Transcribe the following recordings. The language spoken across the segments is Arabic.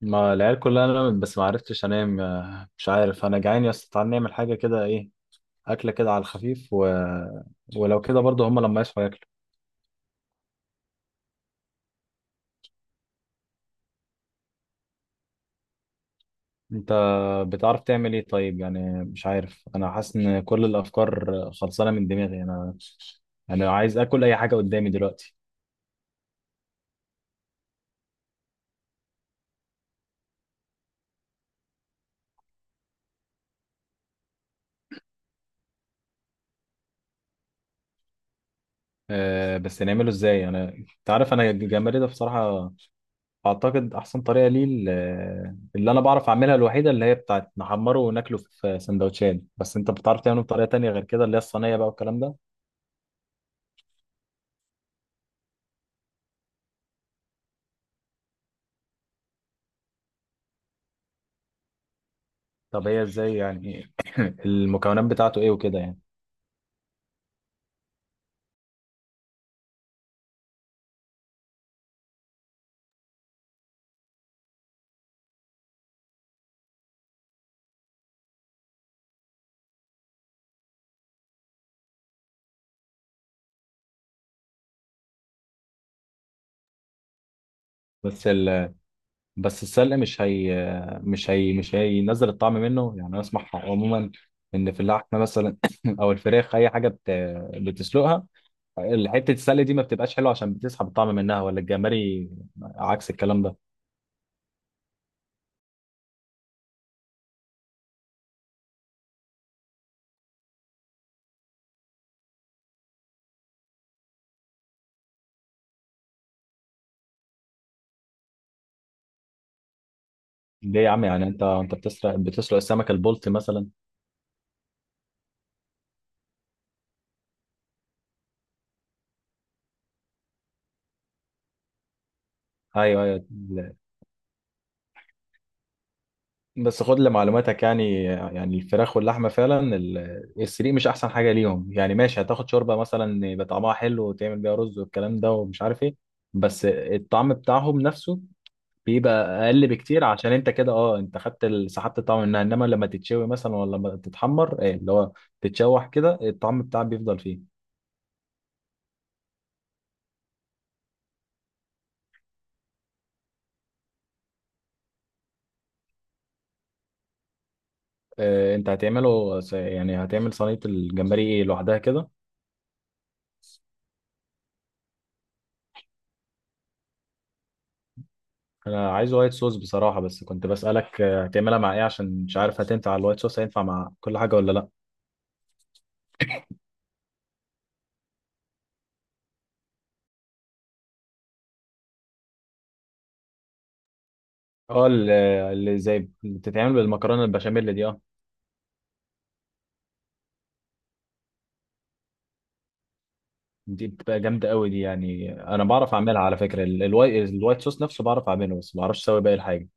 ما العيال كلها نامت بس ما عرفتش انام مش عارف. انا جعان يا اسطى، تعال نعمل حاجه كده. ايه اكله كده على الخفيف. ولو كده برضه هما لما يصحوا ياكلوا. انت بتعرف تعمل ايه طيب؟ يعني مش عارف، انا حاسس ان كل الافكار خلصانه من دماغي. انا انا عايز اكل اي حاجه قدامي دلوقتي. أه، بس نعمله ازاي؟ انت عارف، انا الجمبري ده بصراحه اعتقد احسن طريقه ليه اللي انا بعرف اعملها الوحيده اللي هي بتاعت نحمره وناكله في سندوتشات. بس انت بتعرف تعمله بطريقه تانية غير كده، اللي هي الصينيه بقى والكلام ده؟ طب هي ازاي يعني؟ المكونات بتاعته ايه وكده يعني؟ بس ال... بس السلق، مش هي مش هينزل الطعم منه يعني؟ انا اسمع عموما ان في اللحمه مثلا او الفراخ، اي حاجه بتسلقها، حته السلق دي ما بتبقاش حلوه عشان بتسحب الطعم منها. ولا الجمبري عكس الكلام ده؟ ليه يا عم يعني؟ انت بتسرق السمكه البلطي مثلا؟ ايوه ايوه بس خد لمعلوماتك يعني، الفراخ واللحمه فعلا السريق مش احسن حاجه ليهم يعني. ماشي، هتاخد شوربه مثلا يبقى طعمها حلو وتعمل بيها رز والكلام ده ومش عارف ايه. بس الطعم بتاعهم نفسه بيبقى اقل بكتير، عشان انت كده انت خدت سحبت الطعم منها. انما لما تتشوي مثلا ولا لما تتحمر، ايه اللي هو تتشوح كده، الطعم بتاعك بيفضل فيه. اه، انت هتعمله يعني هتعمل صينيه الجمبري ايه لوحدها كده؟ انا عايز وايت صوص بصراحه، بس كنت بسالك هتعملها مع ايه؟ عشان مش عارف هتنفع على الوايت صوص، هينفع مع كل حاجه ولا لا؟ اه اللي زي اللي بتتعمل بالمكرونه البشاميل دي، اه. دي بتبقى جامده قوي دي يعني. انا بعرف اعملها على فكره، الوايت صوص نفسه بعرف اعمله، بس ما بعرفش اسوي باقي الحاجه.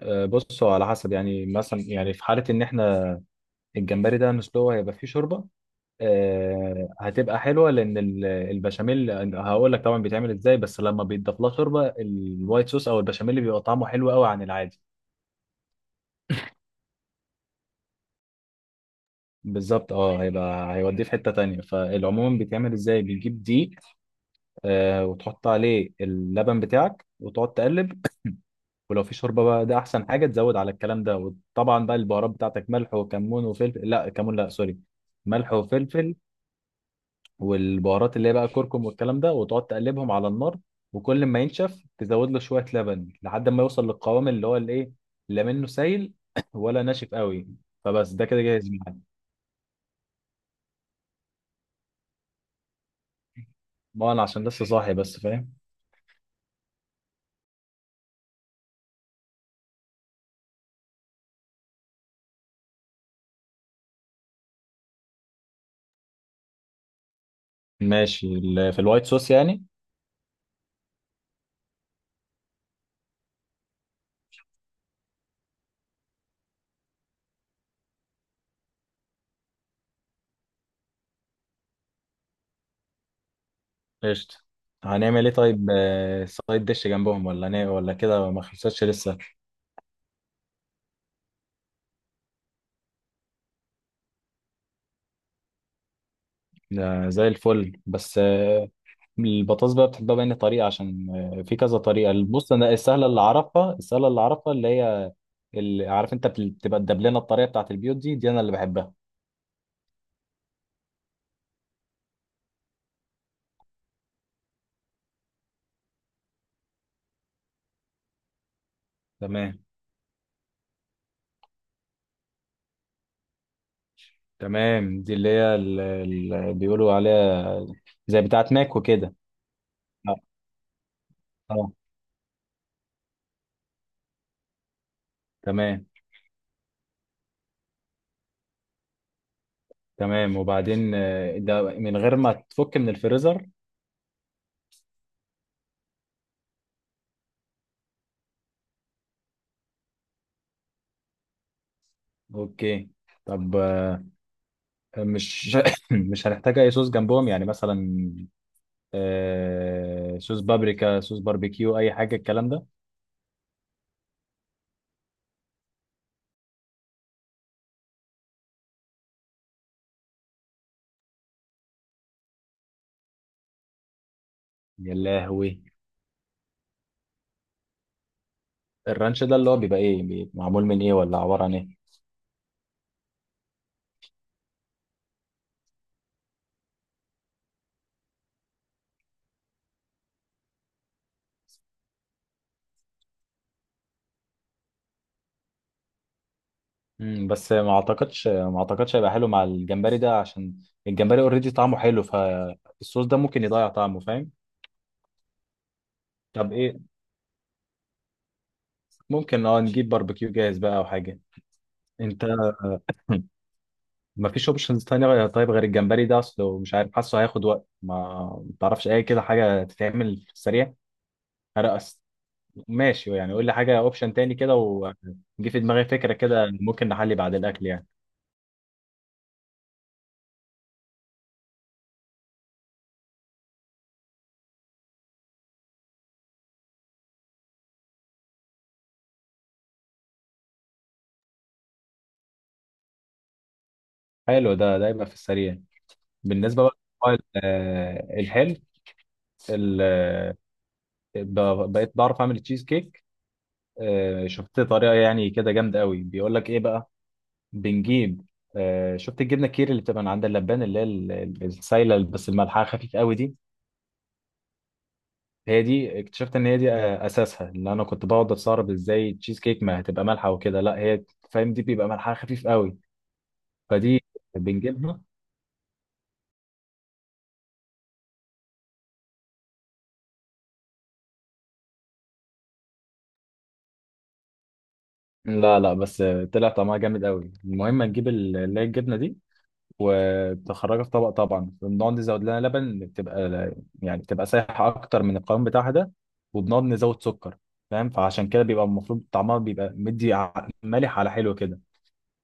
بصوا، على حسب يعني. مثلا يعني في حاله ان احنا الجمبري ده نسلوه هيبقى فيه شوربه. هتبقى حلوه لان البشاميل، هقول لك طبعا بيتعمل ازاي. بس لما بيتضاف لها شوربه الوايت صوص او البشاميل بيبقى طعمه حلو قوي عن العادي. بالظبط هيبقى، هيوديه في حته تانية. فالعموم بيتعمل ازاي؟ بتجيب دي وتحط عليه اللبن بتاعك وتقعد تقلب. ولو في شوربه بقى ده احسن حاجه تزود على الكلام ده. وطبعا بقى البهارات بتاعتك ملح وكمون وفلفل، لا كمون، لا سوري، ملح وفلفل. والبهارات اللي هي بقى كركم والكلام ده. وتقعد تقلبهم على النار، وكل ما ينشف تزود له شوية لبن لحد ما يوصل للقوام اللي هو الايه، لا منه سايل ولا ناشف قوي. فبس، ده كده جاهز معاك. ما انا عشان لسه صاحي بس، فاهم. ماشي في الوايت صوص يعني. قشطة. هنعمل ايه طيب، سايد ديش جنبهم ولا هنعمل، ولا كده ما خلصتش لسه؟ ده زي الفل بس. البطاطس بقى بتحبها بأي طريقة؟ عشان في كذا طريقة. بص أنا السهلة اللي أعرفها، اللي هي اللي عارف أنت بتبقى الدبلانة، الطريقة بتاعت البيوت دي، دي أنا اللي بحبها. تمام. تمام دي اللي هي اللي بيقولوا عليها زي بتاعت ماك وكده. اه. آه، تمام، تمام. وبعدين، ده من غير ما تفك من الفريزر؟ اوكي. طب مش مش هنحتاج اي صوص جنبهم يعني؟ مثلا صوص بابريكا، صوص باربيكيو، اي حاجه الكلام ده. يا لهوي! الرانش ده اللي هو بيبقى ايه؟ بيبقى معمول من ايه، ولا عبارة عن ايه؟ بس ما اعتقدش هيبقى حلو مع الجمبري ده، عشان الجمبري اوريدي طعمه حلو، فالصوص ده ممكن يضيع طعمه، فاهم؟ طب ايه؟ ممكن نجيب باربيكيو جاهز بقى او حاجة. انت. ما فيش اوبشنز تانية طيب، غير الجمبري ده اصله مش عارف، حاسه هياخد وقت، ما تعرفش اي كده حاجة تتعمل في السريع؟ هرقص. ماشي يعني، قول لي حاجة اوبشن تاني كده. وجي في دماغي فكرة كده، ممكن نحلي بعد الاكل يعني. حلو ده، ده يبقى في السريع. بالنسبه بقى للموبايل، الحلو، ال- آه، بقيت بعرف اعمل تشيز كيك. شفت طريقه يعني كده جامده قوي، بيقول لك ايه بقى، بنجيب، شفت الجبنه الكيري اللي بتبقى من عند اللبان اللي هي السايله بس الملحها خفيف قوي دي؟ هي دي. اكتشفت ان هي دي اساسها، اللي انا كنت بقعد استغرب ازاي التشيز كيك ما هتبقى مالحه وكده. لا هي، فاهم، دي بيبقى ملحها خفيف قوي، فدي بنجيبها. لا لا، بس طلع طعمها جامد قوي. المهم نجيب اللي هي الجبنه دي، وبتخرجها في طبق، طبعا بنقعد نزود لها لبن، بتبقى يعني بتبقى سايحه اكتر من القوام بتاعها ده، وبنقعد نزود سكر، فاهم؟ فعشان كده بيبقى المفروض طعمها بيبقى مدي مالح على حلو كده،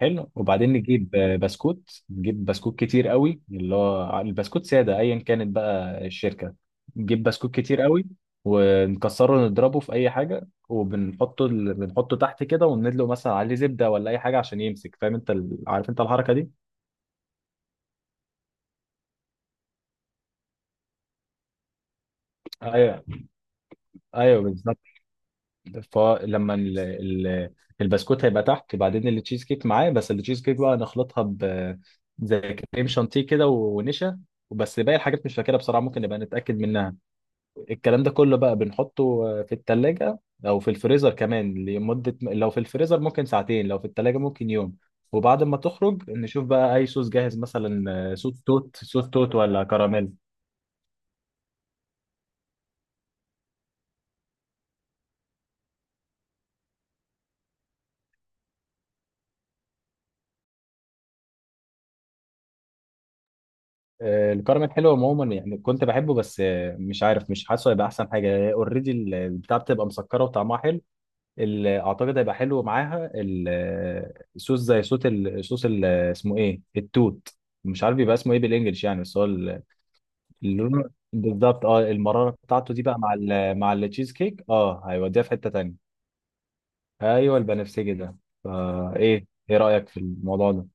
حلو. وبعدين نجيب بسكوت نجيب بسكوت كتير قوي، اللي هو البسكوت ساده، ايا كانت بقى الشركه. نجيب بسكوت كتير قوي ونكسره نضربه في اي حاجه وبنحطه، بنحطه تحت كده، وندلق مثلا عليه زبده ولا اي حاجه عشان يمسك. فاهم انت عارف انت الحركه دي؟ ايوه ايوه، بالظبط. فلما البسكوت هيبقى تحت، بعدين التشيز كيك معاه. بس التشيز كيك بقى نخلطها ب زي كريم شانتيه كده، ونشا. وبس. باقي الحاجات مش فاكرها بصراحه، ممكن نبقى نتاكد منها. الكلام ده كله بقى بنحطه في الثلاجه او في الفريزر كمان لمده، لو في الفريزر ممكن ساعتين، لو في الثلاجه ممكن يوم. وبعد ما تخرج نشوف بقى اي صوص جاهز مثلا، صوص توت، صوص توت ولا كراميل. الكرم الحلو عموما يعني كنت بحبه، بس مش عارف، مش حاسه هيبقى احسن حاجه. اوريدي البتاع بتبقى مسكره وطعمها حلو. اعتقد هيبقى حلو معاها، صوص زي صوت صوص اسمه ايه، التوت؟ مش عارف بيبقى اسمه ايه بالانجلش يعني، بس هو اللون. بالظبط المراره بتاعته دي بقى مع مع التشيز كيك هيوديها في حته تانيه. ايوه البنفسجي ده. فايه ايه إيه رايك في الموضوع ده؟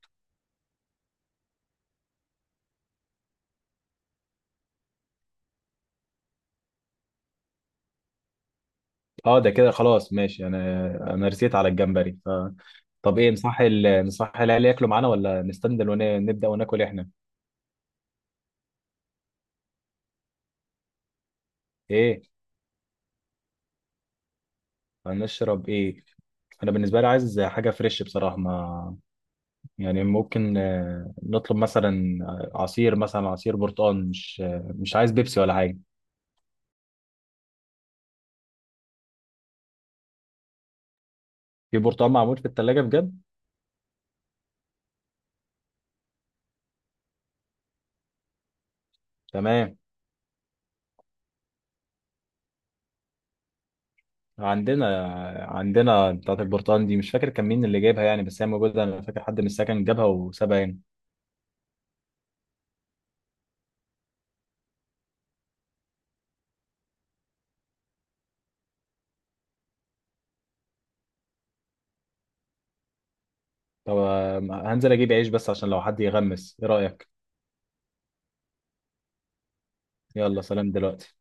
اه، ده كده خلاص، ماشي. انا رسيت على الجمبري. طب ايه، نصح العيال ياكلوا معانا ولا نستنى ونبدأ وناكل احنا؟ ايه؟ هنشرب ايه؟ انا بالنسبه لي عايز حاجه فريش بصراحه، ما يعني ممكن نطلب مثلا عصير، مثلا عصير برتقال. مش مش عايز بيبسي ولا حاجه. في برتقال معمول في الثلاجه بجد؟ تمام. عندنا. عندنا بتاعه البرتقال دي، مش فاكر كان مين اللي جايبها يعني، بس هي موجوده. انا فاكر حد من السكن جابها وسابها هنا. طب هنزل اجيب عيش بس عشان لو حد يغمس، ايه رأيك؟ يلا سلام دلوقتي.